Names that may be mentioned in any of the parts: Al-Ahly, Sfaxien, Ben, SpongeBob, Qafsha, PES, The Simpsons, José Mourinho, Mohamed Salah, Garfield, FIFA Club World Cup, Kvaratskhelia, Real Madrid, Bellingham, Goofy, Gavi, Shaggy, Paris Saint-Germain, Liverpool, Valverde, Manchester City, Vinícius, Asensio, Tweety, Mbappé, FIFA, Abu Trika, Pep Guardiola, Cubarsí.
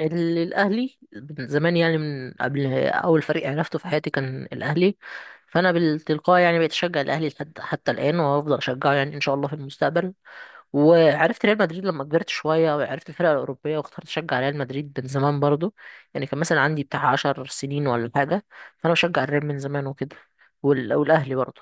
الاهلي من زمان، يعني من قبل. اول فريق عرفته في حياتي كان الاهلي، فانا بالتلقاء يعني بقيت اشجع الاهلي لحد حتى الان، وهفضل اشجعه يعني ان شاء الله في المستقبل. وعرفت ريال مدريد لما كبرت شويه، وعرفت الفرق الاوروبيه واخترت اشجع ريال مدريد من زمان برضو. يعني كان مثلا عندي بتاع 10 سنين ولا حاجه، فانا بشجع الريال من زمان وكده. والاهلي برضو.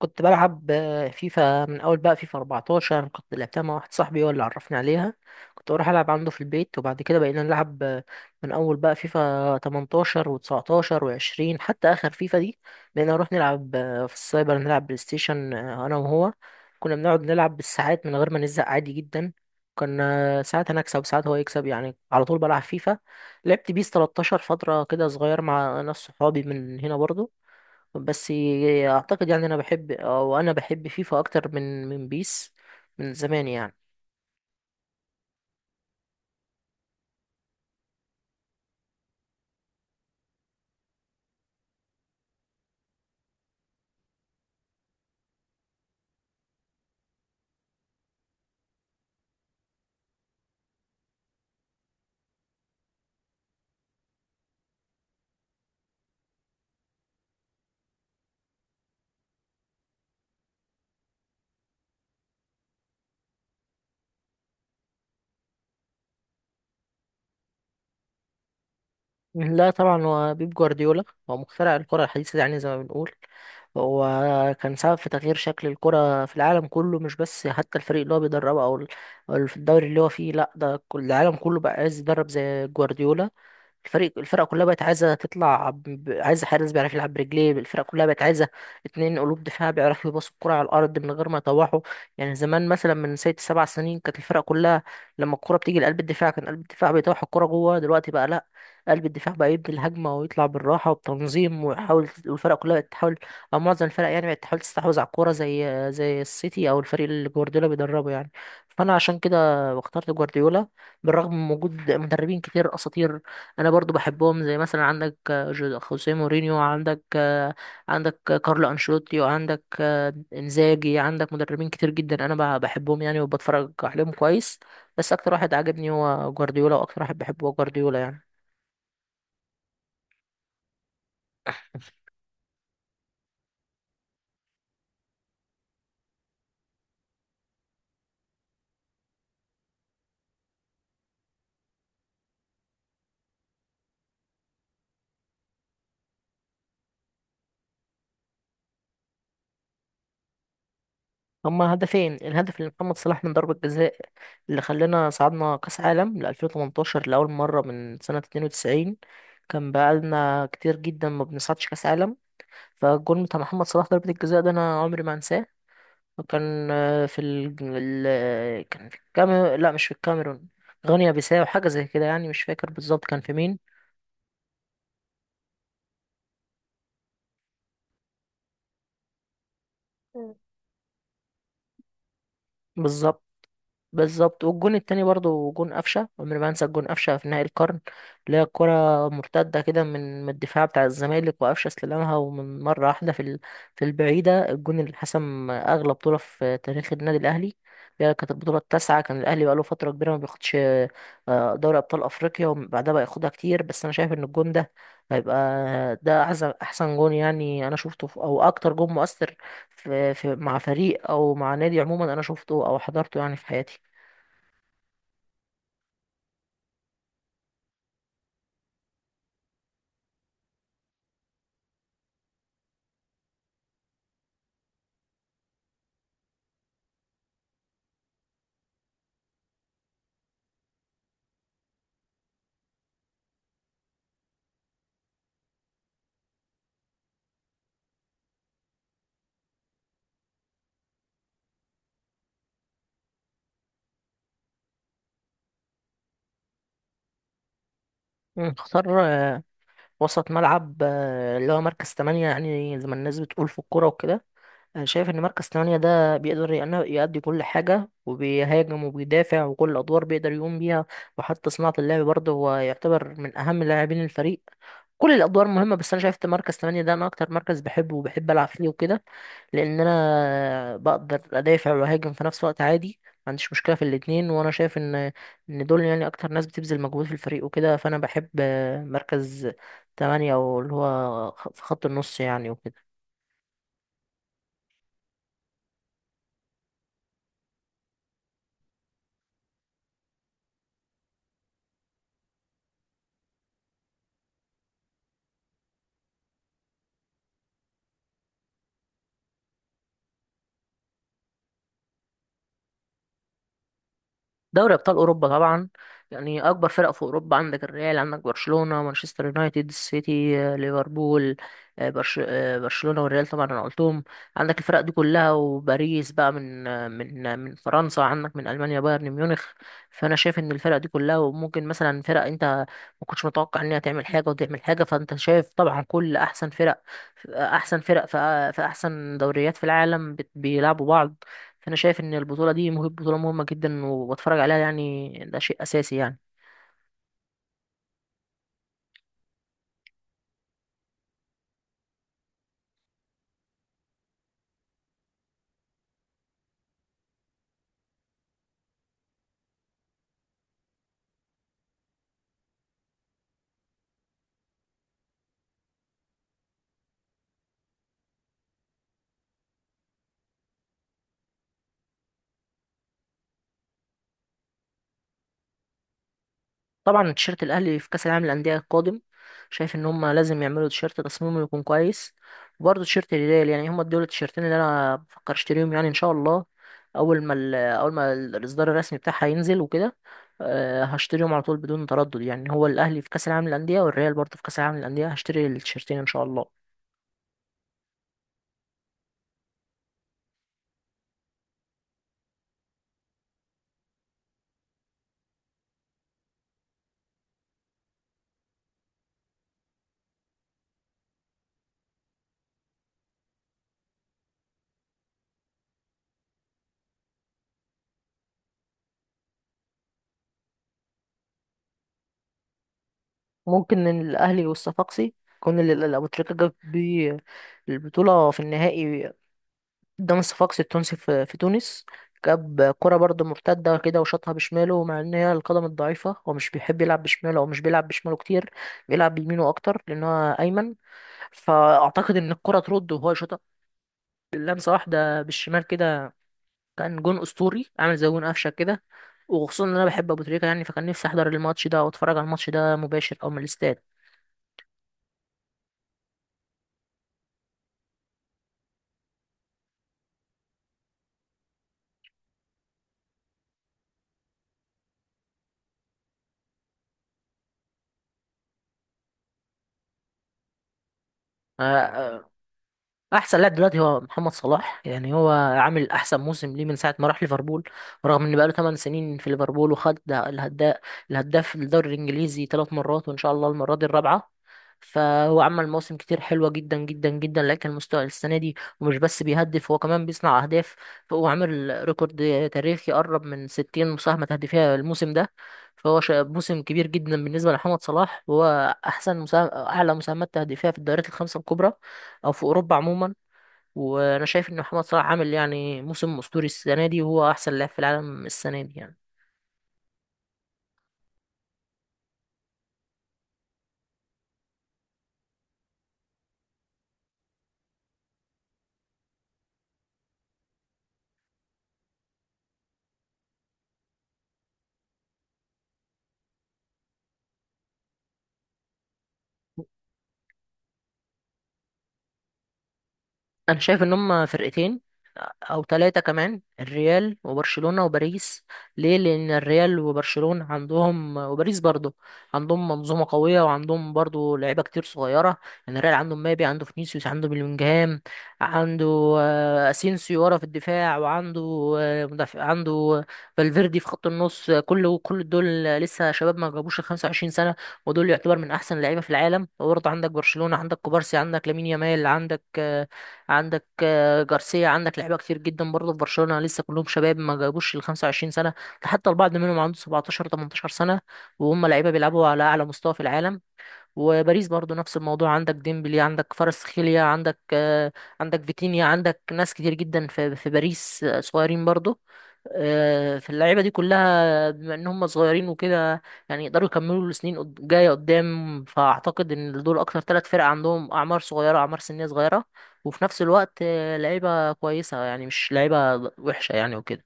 كنت بلعب فيفا، من اول بقى فيفا 14 كنت لعبتها مع واحد صاحبي هو اللي عرفني عليها. كنت بروح العب عنده في البيت، وبعد كده بقينا نلعب من اول بقى فيفا 18 و19 و20 حتى اخر فيفا دي. بقينا نروح نلعب في السايبر، نلعب بلاي ستيشن انا وهو. كنا بنقعد نلعب بالساعات من غير ما نزهق عادي جدا. كنا ساعات انا اكسب وساعات هو يكسب، يعني على طول بلعب فيفا. لعبت بيس 13 فترة كده صغير مع ناس صحابي من هنا برضو، بس اعتقد يعني انا بحب، او انا بحب فيفا اكتر من بيس من زمان يعني. لا طبعا، هو بيب جوارديولا. هو مخترع الكرة الحديثة يعني زي ما بنقول. هو كان سبب في تغيير شكل الكرة في العالم كله، مش بس حتى الفريق اللي هو بيدربه أو في الدوري اللي هو فيه، لا ده كل العالم كله بقى عايز يدرب زي جوارديولا. الفرقة كلها بقت عايزة تطلع عايزة حارس بيعرف يلعب برجليه، الفرقة كلها بقت عايزة اتنين قلوب دفاع بيعرفوا يباصوا الكرة على الأرض من غير ما يطوحوا. يعني زمان مثلا من ست سبع سنين كانت الفرقة كلها لما الكرة بتيجي لقلب الدفاع كان قلب الدفاع بيطوح الكرة جوه. دلوقتي بقى لأ، قلب الدفاع بقى يبني الهجمة ويطلع بالراحة وبتنظيم ويحاول، والفرقة كلها بقت تحاول أو معظم الفرق يعني بقت تحاول تستحوذ على الكورة زي السيتي أو الفريق اللي جوارديولا بيدربه يعني. فأنا عشان كده اخترت جوارديولا، بالرغم من وجود مدربين كتير أساطير انا برضو بحبهم، زي مثلا عندك خوسيه مورينيو، عندك كارلو انشيلوتي، وعندك انزاجي، عندك مدربين كتير جدا انا بحبهم يعني وبتفرج عليهم كويس. بس اكتر واحد عاجبني هو جوارديولا، واكتر واحد بحبه هو جوارديولا يعني. هما هدفين، الهدف اللي محمد صلاح من ضربة جزاء اللي خلانا صعدنا كأس عالم ل 2018 لأول مرة من سنة 92، كان بقالنا كتير جدا ما بنصعدش كأس عالم. فالجول بتاع محمد صلاح ضربة الجزاء ده أنا عمري ما أنساه. كان آه، في ال... ال... كان في الكاميرون، لا مش في الكاميرون، غينيا بيساو حاجة زي كده يعني مش فاكر بالظبط كان في مين. مم. بالظبط، بالظبط. والجون التاني برضه جون قفشه، عمري ما انسى الجون قفشه في نهائي القرن، اللي هي الكره مرتده كده من الدفاع بتاع الزمالك وقفشه استلمها، ومن مره واحده في البعيده، الجون اللي حسم اغلى بطوله في تاريخ النادي الاهلي اللي هي كانت البطوله التاسعه، كان الاهلي بقاله فتره كبيره ما بياخدش دوري ابطال افريقيا، وبعدها بقى ياخدها كتير. بس انا شايف ان الجون ده هيبقى ده احسن جون، يعني انا شفته، في او اكتر جون مؤثر في في مع فريق او مع نادي عموما انا شفته او حضرته يعني في حياتي. اختار وسط ملعب، اللي هو مركز تمانية يعني زي ما الناس بتقول في الكورة وكده. انا شايف ان مركز تمانية ده بيقدر يأدي كل حاجة، وبيهاجم وبيدافع وكل الادوار بيقدر يقوم بيها. وحتى صناعة اللعب برضه هو يعتبر من اهم لاعبين الفريق. كل الادوار مهمة، بس انا شايف إن مركز تمانية ده انا اكتر مركز بحبه وبحب العب فيه وكده، لان انا بقدر ادافع واهاجم في نفس الوقت عادي، ما عنديش مشكله في الاتنين. وانا شايف ان دول يعني اكتر ناس بتبذل مجهود في الفريق وكده، فانا بحب مركز تمانية او اللي هو في خط النص يعني وكده. دوري ابطال اوروبا طبعا. يعني اكبر فرق في اوروبا، عندك الريال، عندك برشلونه، مانشستر يونايتد، السيتي، ليفربول، برشلونه والريال طبعا انا قلتهم، عندك الفرق دي كلها، وباريس بقى من فرنسا، عندك من المانيا بايرن ميونخ. فانا شايف ان الفرق دي كلها، وممكن مثلا فرق انت ما كنتش متوقع انها تعمل حاجه وتعمل حاجه، فانت شايف طبعا كل احسن فرق، احسن فرق في احسن دوريات في العالم بيلعبوا بعض. فانا شايف ان البطوله دي بطوله مهمه جدا، وبتفرج عليها يعني ده شيء اساسي يعني. طبعا تيشيرت الاهلي في كاس العالم للانديه القادم، شايف ان هم لازم يعملوا تيشيرت تصميمه يكون كويس. وبرضه تيشيرت الهلال، يعني هم دول التيشيرتين اللي انا بفكر اشتريهم يعني ان شاء الله، اول ما ال- اول ما ال- الاصدار الرسمي بتاعها ينزل وكده. هشتريهم على طول بدون تردد يعني، هو الاهلي في كاس العالم للانديه والريال برضه في كاس العالم للانديه، هشتري التيشيرتين ان شاء الله. ممكن الأهلي والصفاقسي، كون أبو تريكة جاب بيه البطولة في النهائي قدام الصفاقسي التونسي في تونس، جاب كرة برضه مرتدة كده وشاطها بشماله، مع إن هي القدم الضعيفة هو مش بيحب يلعب بشماله أو مش بيلعب بشماله كتير، بيلعب بيمينه أكتر لأن هو أيمن. فأعتقد إن الكرة ترد وهو يشوطها لمسة واحدة بالشمال كده، كان جون أسطوري عامل زي جون قفشة كده. وخصوصا إن أنا بحب أبو تريكة يعني، فكان نفسي أحضر الماتش ده وأتفرج على الماتش ده مباشر أو من الاستاد. آه، آه، احسن لاعب دلوقتي هو محمد صلاح، يعني هو عامل احسن موسم ليه من ساعه ما راح ليفربول، رغم ان بقاله 8 سنين في ليفربول. وخد الهداف الدوري الانجليزي ثلاث مرات، وان شاء الله المره دي الرابعه. فهو عمل مواسم كتير حلوه جدا جدا جدا، لكن المستوى السنه دي، ومش بس بيهدف هو كمان بيصنع اهداف. فهو عامل ريكورد تاريخي قرب من 60 مساهمه تهديفيه الموسم ده. موسم كبير جدا بالنسبه لمحمد صلاح، وهو اعلى مساهمات تهديفيه في الدوريات الخمسه الكبرى او في اوروبا عموما. وانا شايف ان محمد صلاح عامل يعني موسم اسطوري السنه دي، وهو احسن لاعب في العالم السنه دي يعني. انا شايف ان هم فرقتين او ثلاثه، كمان الريال وبرشلونه وباريس. ليه، لان الريال وبرشلونه عندهم، وباريس برضه عندهم منظومه قويه، وعندهم برضه لعيبه كتير صغيره. يعني الريال عنده مبابي، عنده فينيسيوس، عنده بلينجهام، عنده اسينسيو ورا في الدفاع، وعنده مدافع عنده فالفيردي في خط النص. كل دول لسه شباب ما جابوش ال 25 سنه، ودول يعتبر من احسن اللعيبه في العالم. وبرضه عندك برشلونه، عندك كوبارسي، عندك لامين يامال، عندك جارسيا، عندك لعيبه كتير جدا برضه في برشلونه، لسه كلهم شباب ما جابوش ال 25 سنه، ده حتى البعض منهم عنده 17 18 سنه وهم لعيبه بيلعبوا على اعلى مستوى في العالم. وباريس برضه نفس الموضوع، عندك ديمبلي، عندك كفاراتسخيليا، عندك عندك فيتينيا، عندك ناس كتير جدا في باريس صغيرين برضه. فاللعيبه دي كلها بما ان هم صغيرين وكده يعني يقدروا يكملوا السنين جايه قدام. فاعتقد ان دول اكتر ثلاث فرق عندهم اعمار صغيره، اعمار سنيه صغيره، وفي نفس الوقت لعيبه كويسه يعني مش لعيبه وحشه يعني وكده.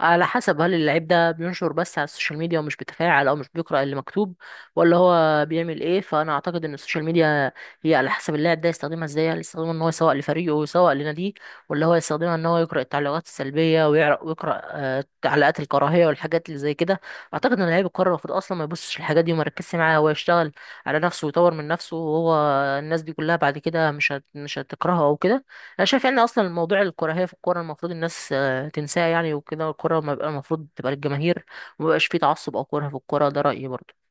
على حسب، هل اللعيب ده بينشر بس على السوشيال ميديا ومش بيتفاعل او مش بيقرأ اللي مكتوب ولا هو بيعمل ايه. فانا اعتقد ان السوشيال ميديا هي على حسب اللاعب ده يستخدمها ازاي، هل يستخدمها ان هو يسوق لفريقه ويسوق لناديه، ولا هو يستخدمها ان هو يقرأ التعليقات السلبية، ويقرأ تعليقات الكراهية والحاجات اللي زي كده. اعتقد ان لعيب الكرة المفروض اصلا ما يبصش للحاجات دي وما يركزش معاها، هو يشتغل على نفسه ويطور من نفسه، وهو الناس دي كلها بعد كده مش هتكرهه او كده. انا شايف ان اصلا موضوع الكراهية في الكورة المفروض الناس تنساها يعني، وكده الكرة ما بقى المفروض تبقى للجماهير، وما بقاش فيه تعصب أو كره في الكرة، ده رأيي برضه.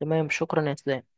تمام، شكرا يا اسلام.